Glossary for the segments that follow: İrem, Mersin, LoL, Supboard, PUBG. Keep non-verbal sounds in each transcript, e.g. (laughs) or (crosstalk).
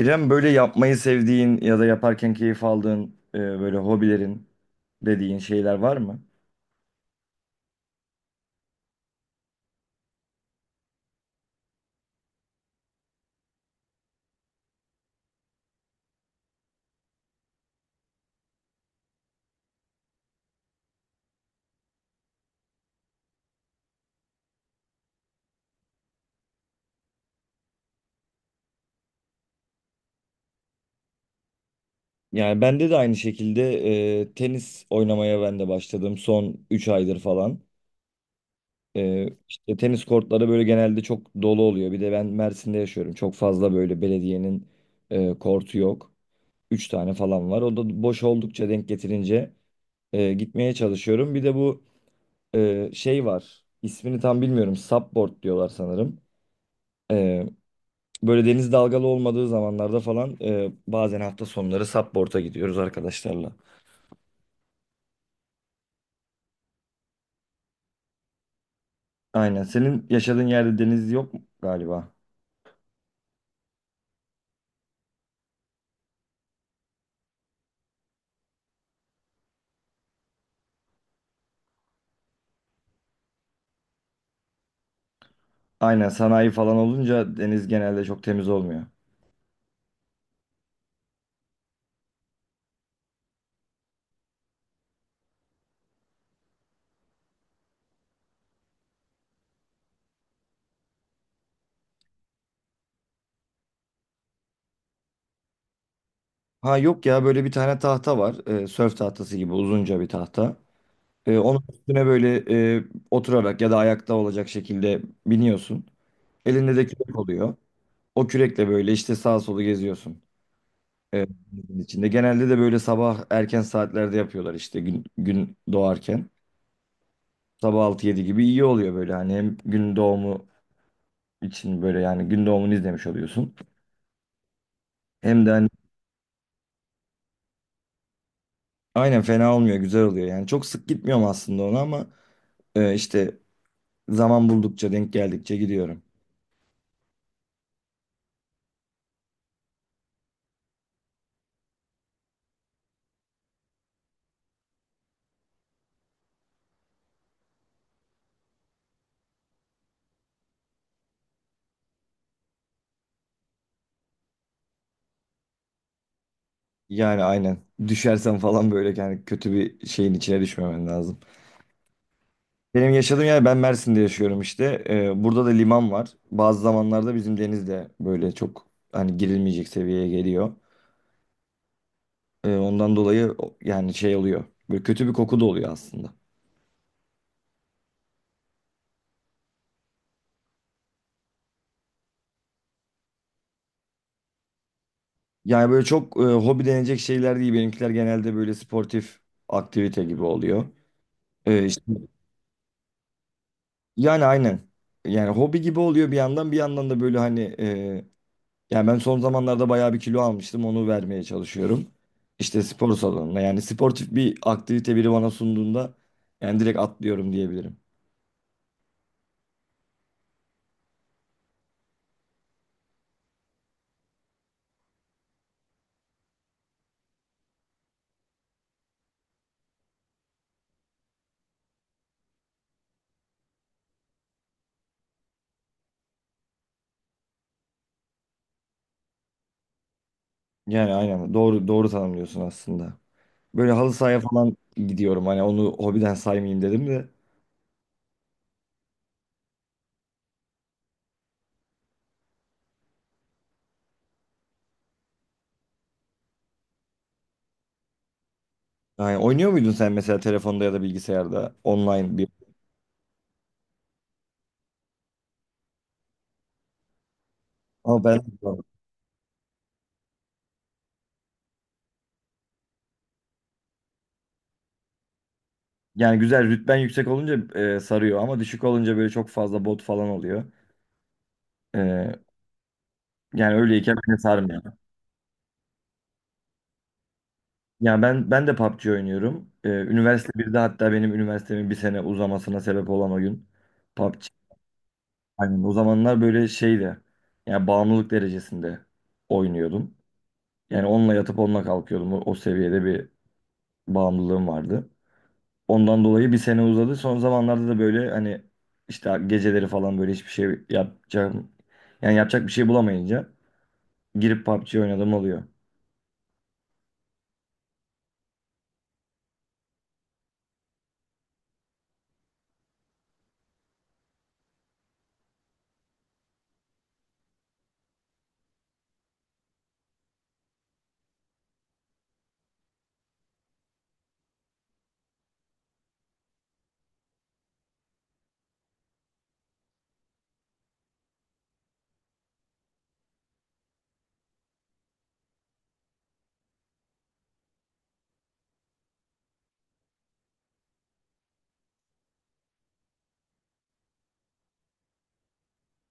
İrem, böyle yapmayı sevdiğin ya da yaparken keyif aldığın böyle hobilerin dediğin şeyler var mı? Yani bende de aynı şekilde tenis oynamaya ben de başladım son 3 aydır falan. E, işte tenis kortları böyle genelde çok dolu oluyor. Bir de ben Mersin'de yaşıyorum. Çok fazla böyle belediyenin kortu yok. Üç tane falan var. O da boş oldukça denk getirince gitmeye çalışıyorum. Bir de bu şey var. İsmini tam bilmiyorum. Supboard diyorlar sanırım. E, Böyle deniz dalgalı olmadığı zamanlarda falan bazen hafta sonları Subboard'a gidiyoruz arkadaşlarla. Aynen. Senin yaşadığın yerde deniz yok mu galiba? Aynen, sanayi falan olunca deniz genelde çok temiz olmuyor. Ha, yok ya, böyle bir tane tahta var. Sörf tahtası gibi uzunca bir tahta. Onun üstüne böyle e, oturarak ya da ayakta olacak şekilde biniyorsun. Elinde de kürek oluyor. O kürekle böyle işte sağa solu geziyorsun. Evet, denizin içinde. Genelde de böyle sabah erken saatlerde yapıyorlar, işte gün doğarken. Sabah 6-7 gibi iyi oluyor, böyle hani hem gün doğumu için, böyle yani gün doğumunu izlemiş oluyorsun. Hem de hani aynen, fena olmuyor, güzel oluyor yani. Çok sık gitmiyorum aslında ona, ama işte zaman buldukça, denk geldikçe gidiyorum. Yani aynen, düşersen falan böyle, yani kötü bir şeyin içine düşmemen lazım. Benim yaşadığım yer, ben Mersin'de yaşıyorum işte. Burada da liman var. Bazı zamanlarda bizim deniz de böyle çok hani girilmeyecek seviyeye geliyor. Ondan dolayı yani şey oluyor. Böyle kötü bir koku da oluyor aslında. Yani böyle çok hobi denecek şeyler değil. Benimkiler genelde böyle sportif aktivite gibi oluyor. İşte, yani aynen. Yani hobi gibi oluyor bir yandan, bir yandan da böyle hani. Yani ben son zamanlarda bayağı bir kilo almıştım. Onu vermeye çalışıyorum. İşte spor salonuna, yani sportif bir aktivite biri bana sunduğunda yani direkt atlıyorum diyebilirim. Yani aynen, doğru doğru tanımlıyorsun aslında. Böyle halı sahaya falan gidiyorum. Hani onu hobiden saymayayım dedim de. Yani oynuyor muydun sen, mesela telefonda ya da bilgisayarda online bir? Ama ben, (laughs) yani güzel rütben yüksek olunca sarıyor, ama düşük olunca böyle çok fazla bot falan oluyor. E, yani öyleyken beni sarmıyor. Ya ben de PUBG oynuyorum. Üniversite birde hatta, benim üniversitemin bir sene uzamasına sebep olan oyun PUBG. Aynen, o zamanlar böyle şeydi. Yani bağımlılık derecesinde oynuyordum. Yani onunla yatıp onunla kalkıyordum. O seviyede bir bağımlılığım vardı. Ondan dolayı bir sene uzadı. Son zamanlarda da böyle hani işte geceleri falan böyle hiçbir şey yapacağım. Yani yapacak bir şey bulamayınca girip PUBG oynadım oluyor.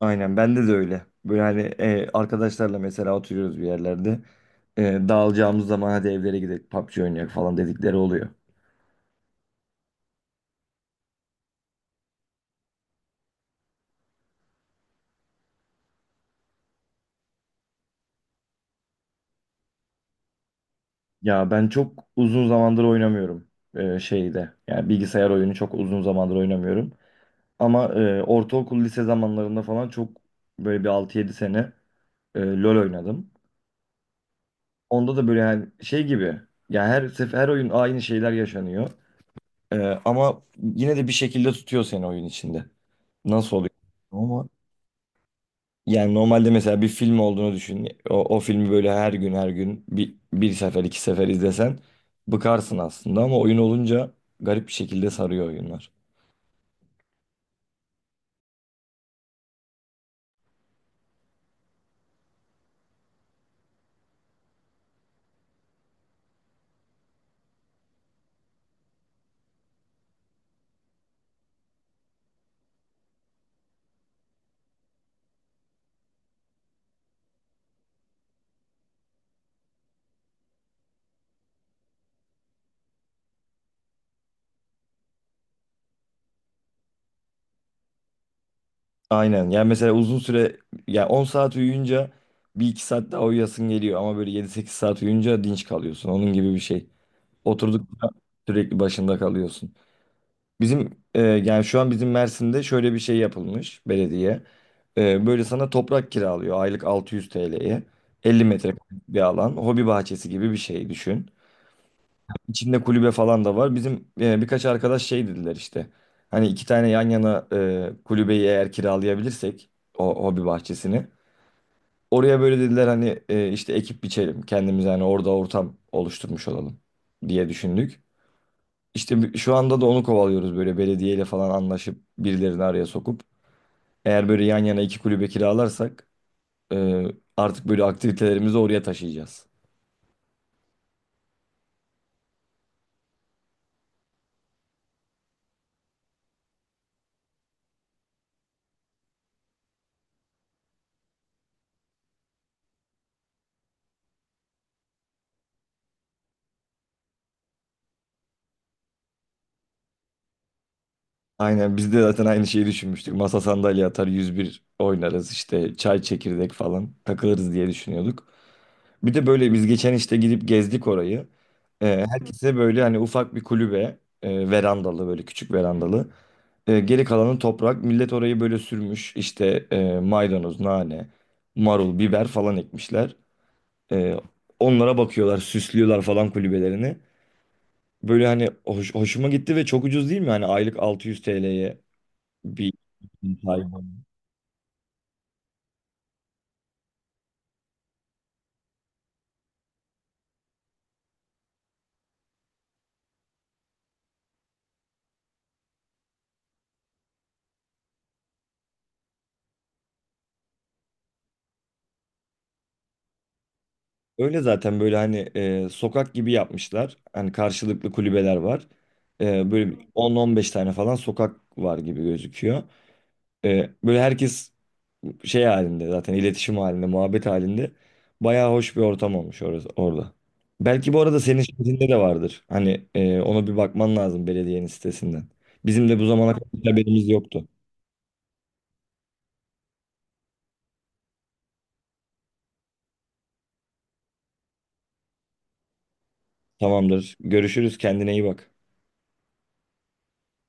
Aynen, bende de öyle. Böyle hani arkadaşlarla mesela oturuyoruz bir yerlerde. E, dağılacağımız zaman hadi evlere gidelim, PUBG oynayalım falan dedikleri oluyor. Ya ben çok uzun zamandır oynamıyorum şeyde. Yani bilgisayar oyunu çok uzun zamandır oynamıyorum. Ama ortaokul lise zamanlarında falan çok, böyle bir 6-7 sene LoL oynadım. Onda da böyle yani şey gibi. Yani her sefer her oyun aynı şeyler yaşanıyor. E, ama yine de bir şekilde tutuyor seni oyun içinde. Nasıl oluyor? Ama, yani normalde mesela bir film olduğunu düşün. O filmi böyle her gün her gün bir sefer iki sefer izlesen bıkarsın aslında, ama oyun olunca garip bir şekilde sarıyor oyunlar. Aynen, yani mesela uzun süre, yani 10 saat uyuyunca bir iki saat daha uyuyasın geliyor, ama böyle 7-8 saat uyuyunca dinç kalıyorsun. Onun gibi bir şey. Oturdukça sürekli başında kalıyorsun. Bizim yani şu an bizim Mersin'de şöyle bir şey yapılmış belediye. Böyle sana toprak kiralıyor aylık 600 TL'ye. 50 metrekare bir alan. Hobi bahçesi gibi bir şey düşün. İçinde kulübe falan da var. Bizim birkaç arkadaş şey dediler işte. Hani iki tane yan yana kulübeyi eğer kiralayabilirsek, o hobi bahçesini. Oraya böyle dediler, hani işte ekip biçelim. Kendimize hani orada ortam oluşturmuş olalım diye düşündük. İşte şu anda da onu kovalıyoruz, böyle belediyeyle falan anlaşıp birilerini araya sokup. Eğer böyle yan yana iki kulübe kiralarsak e, artık böyle aktivitelerimizi oraya taşıyacağız. Aynen, biz de zaten aynı şeyi düşünmüştük. Masa sandalye atar, 101 oynarız, işte çay çekirdek falan takılırız diye düşünüyorduk. Bir de böyle biz geçen işte gidip gezdik orayı. Herkese böyle hani ufak bir kulübe, verandalı, böyle küçük verandalı. Geri kalanı toprak. Millet orayı böyle sürmüş. İşte maydanoz, nane, marul, biber falan ekmişler. E, onlara bakıyorlar, süslüyorlar falan kulübelerini. Böyle hani hoşuma gitti ve çok ucuz değil mi? Hani aylık 600 TL'ye bir sahip. Öyle zaten böyle hani sokak gibi yapmışlar. Hani karşılıklı kulübeler var. Böyle bir 10-15 tane falan sokak var gibi gözüküyor. Böyle herkes şey halinde zaten, iletişim halinde, muhabbet halinde, bayağı hoş bir ortam olmuş orası, orada. Belki bu arada senin şehrinde de vardır. Hani ona bir bakman lazım, belediyenin sitesinden. Bizim de bu zamana kadar hiç haberimiz yoktu. Tamamdır. Görüşürüz. Kendine iyi bak.